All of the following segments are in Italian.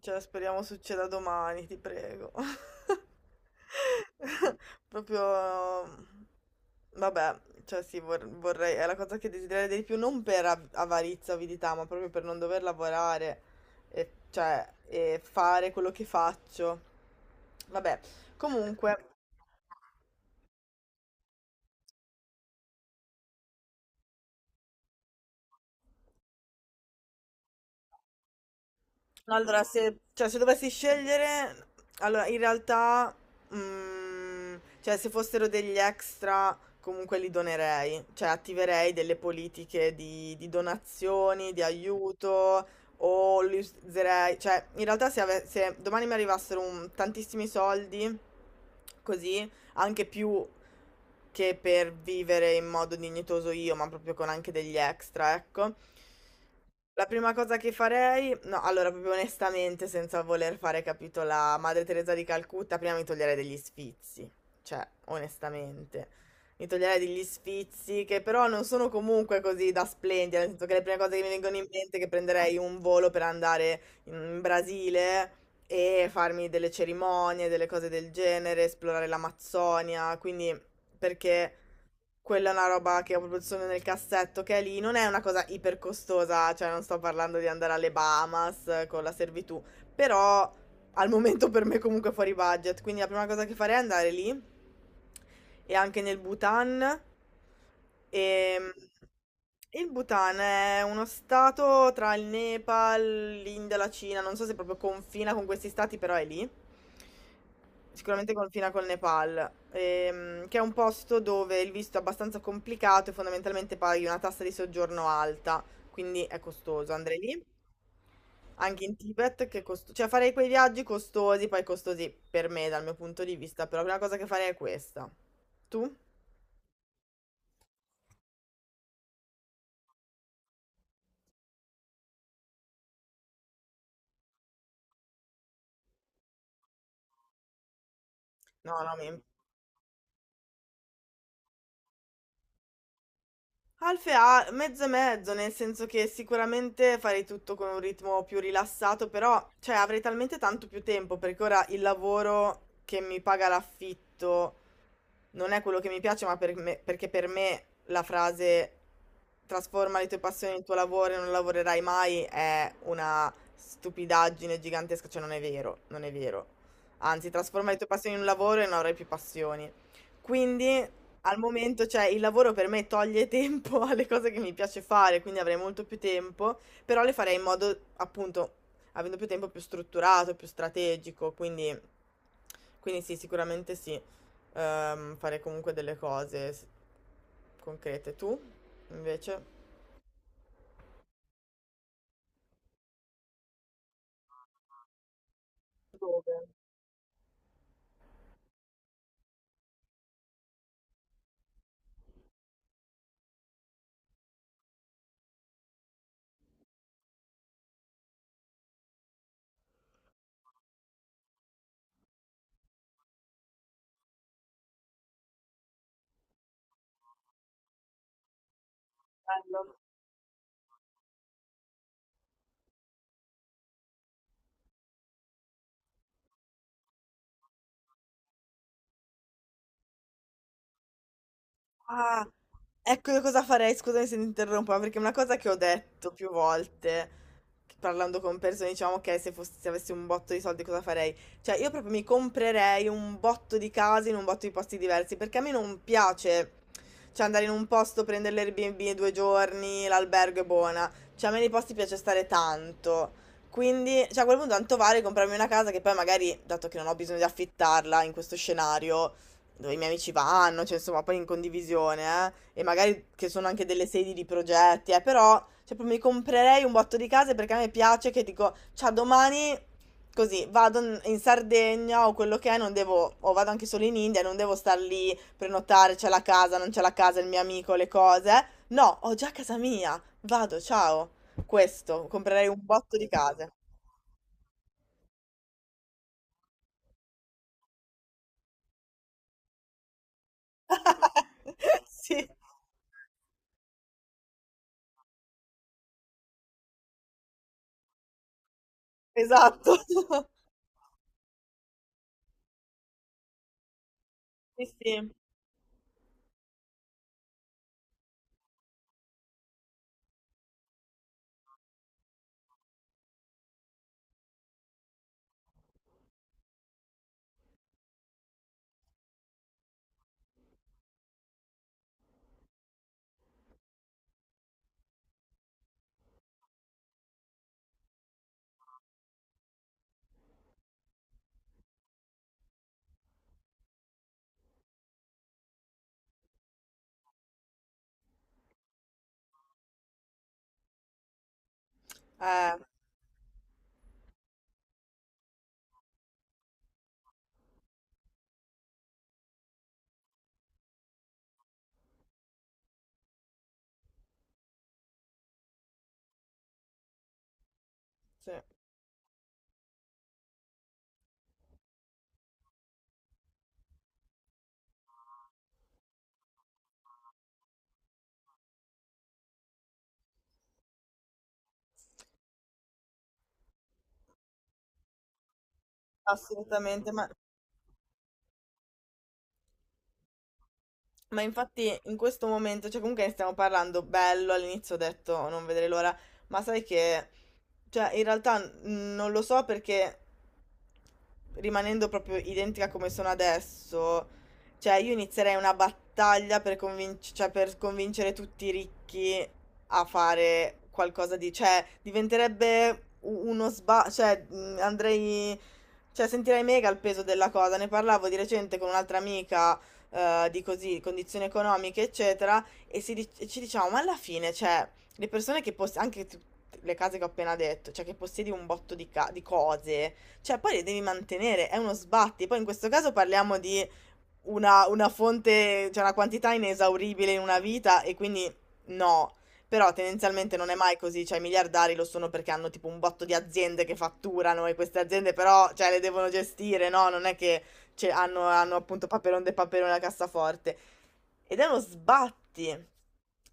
Cioè, speriamo succeda domani, ti prego. Proprio, vabbè, cioè sì, vorrei, è la cosa che desidererei di più, non per avarizia, avidità, ma proprio per non dover lavorare e, cioè, e fare quello che faccio. Vabbè, comunque, no, allora, se dovessi scegliere, allora in realtà, mm, cioè, se fossero degli extra, comunque li donerei, cioè attiverei delle politiche di donazioni, di aiuto, o li userei, cioè, in realtà se domani mi arrivassero tantissimi soldi, così, anche più che per vivere in modo dignitoso io, ma proprio con anche degli extra, ecco. La prima cosa che farei, no, allora proprio onestamente, senza voler fare, capito, la Madre Teresa di Calcutta, prima mi toglierei degli sfizi, cioè, onestamente. Mi toglierei degli sfizi che però non sono comunque così da splendere, nel senso che le prime cose che mi vengono in mente è che prenderei un volo per andare in Brasile e farmi delle cerimonie, delle cose del genere, esplorare l'Amazzonia, quindi perché quella è una roba che ho proprio solo nel cassetto che è lì, non è una cosa iper costosa, cioè non sto parlando di andare alle Bahamas con la servitù, però al momento per me comunque è fuori budget, quindi la prima cosa che farei è andare lì e anche nel Bhutan. E il Bhutan è uno stato tra il Nepal, l'India, la Cina, non so se proprio confina con questi stati, però è lì. Sicuramente confina col Nepal, che è un posto dove il visto è abbastanza complicato e fondamentalmente paghi una tassa di soggiorno alta, quindi è costoso. Andrei lì, anche in Tibet, che è cioè farei quei viaggi costosi, poi costosi per me dal mio punto di vista, però la prima cosa che farei è questa. Tu? No, no, mi... Alfe ha mezzo e mezzo, nel senso che sicuramente farei tutto con un ritmo più rilassato, però cioè, avrei talmente tanto più tempo perché ora il lavoro che mi paga l'affitto non è quello che mi piace, ma perché per me la frase trasforma le tue passioni in tuo lavoro e non lavorerai mai è una stupidaggine gigantesca, cioè non è vero, non è vero. Anzi, trasforma le tue passioni in un lavoro e non avrai più passioni. Quindi al momento, cioè, il lavoro per me toglie tempo alle cose che mi piace fare, quindi avrei molto più tempo, però le farei in modo, appunto, avendo più tempo più strutturato, più strategico, quindi, quindi sì, sicuramente sì fare comunque delle cose concrete. Tu, invece? Dove? Bello. Ah, ecco io cosa farei, scusami se ti interrompo, ma perché è una cosa che ho detto più volte, che parlando con persone, diciamo, ok, se avessi un botto di soldi cosa farei? Cioè, io proprio mi comprerei un botto di case in un botto di posti diversi, perché a me non piace, cioè, andare in un posto, prendere l'Airbnb due giorni, l'albergo è buona, cioè, a me nei posti piace stare tanto. Quindi, cioè, a quel punto tanto vale comprarmi una casa che poi magari, dato che non ho bisogno di affittarla in questo scenario, dove i miei amici vanno, cioè insomma, poi in condivisione, e magari che sono anche delle sedi di progetti, però cioè, proprio mi comprerei un botto di case perché a me piace che dico, ciao, domani così vado in Sardegna o quello che è, non devo, o vado anche solo in India, non devo star lì, prenotare, c'è la casa, non c'è la casa, il mio amico, le cose. No, ho già casa mia, vado, ciao. Questo, comprerei un botto di case. Sì, esatto. Sì, sì. Eh, sì. Assolutamente, ma infatti in questo momento, cioè comunque ne stiamo parlando bello, all'inizio ho detto "Oh, non vedrei l'ora, ma sai che, cioè in realtà non lo so perché rimanendo proprio identica come sono adesso, cioè io inizierei una battaglia per, cioè, per convincere tutti i ricchi a fare qualcosa di, cioè diventerebbe uno sba, cioè andrei. Cioè, sentirai mega il peso della cosa. Ne parlavo di recente con un'altra amica, di così, condizioni economiche, eccetera, e e ci diciamo, ma alla fine, cioè, le persone che possiedono, le case che ho appena detto, cioè che possiedi un botto di, di cose, cioè poi le devi mantenere, è uno sbatti. Poi in questo caso parliamo di una fonte cioè una quantità inesauribile in una vita e quindi no. Però tendenzialmente non è mai così, cioè i miliardari lo sono perché hanno tipo un botto di aziende che fatturano e queste aziende però cioè le devono gestire, no, non è che cioè, hanno appunto Paperon de Paperon la cassaforte. Ed è uno sbatti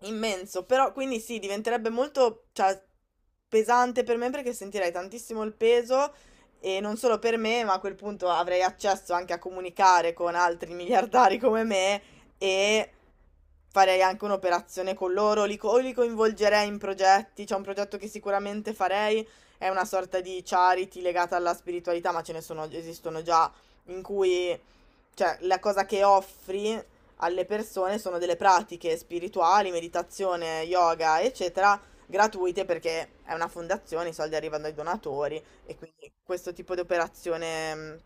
immenso, però quindi sì, diventerebbe molto cioè, pesante per me perché sentirei tantissimo il peso e non solo per me, ma a quel punto avrei accesso anche a comunicare con altri miliardari come me e farei anche un'operazione con loro, o li coinvolgerei in progetti, c'è un progetto che sicuramente farei, è una sorta di charity legata alla spiritualità, ma ce ne sono, esistono già, in cui cioè la cosa che offri alle persone sono delle pratiche spirituali, meditazione, yoga, eccetera, gratuite perché è una fondazione, i soldi arrivano ai donatori e quindi questo tipo di operazione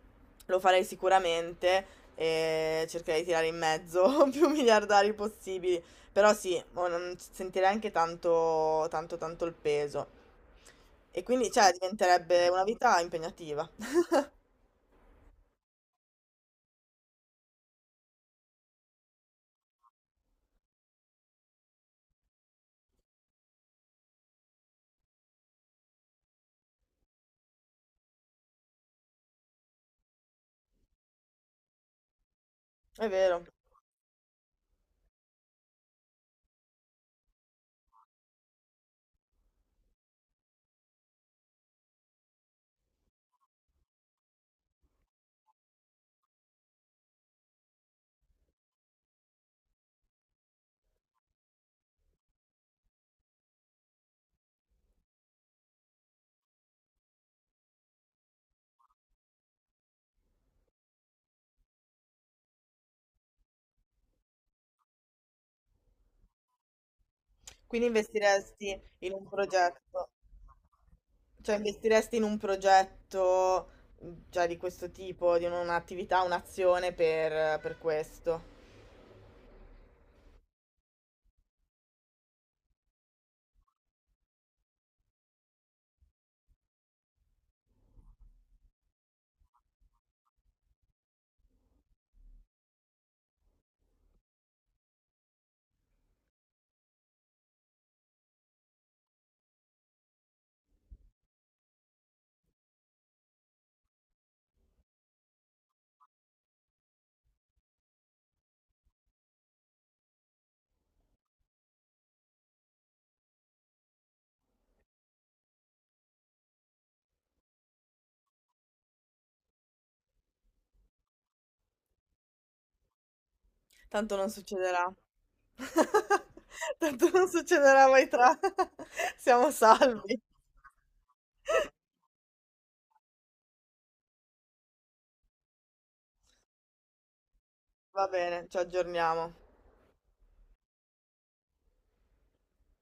lo farei sicuramente e cercherei di tirare in mezzo più miliardari possibili, però sì, mo non sentirei anche tanto, tanto, tanto il peso. E quindi, cioè, diventerebbe una vita impegnativa. È vero. Quindi investiresti in un progetto, cioè investiresti in un progetto cioè, di questo tipo, di un'attività, un'azione per questo. Tanto non succederà. Tanto non succederà mai tra. Siamo salvi. Va bene, ci aggiorniamo.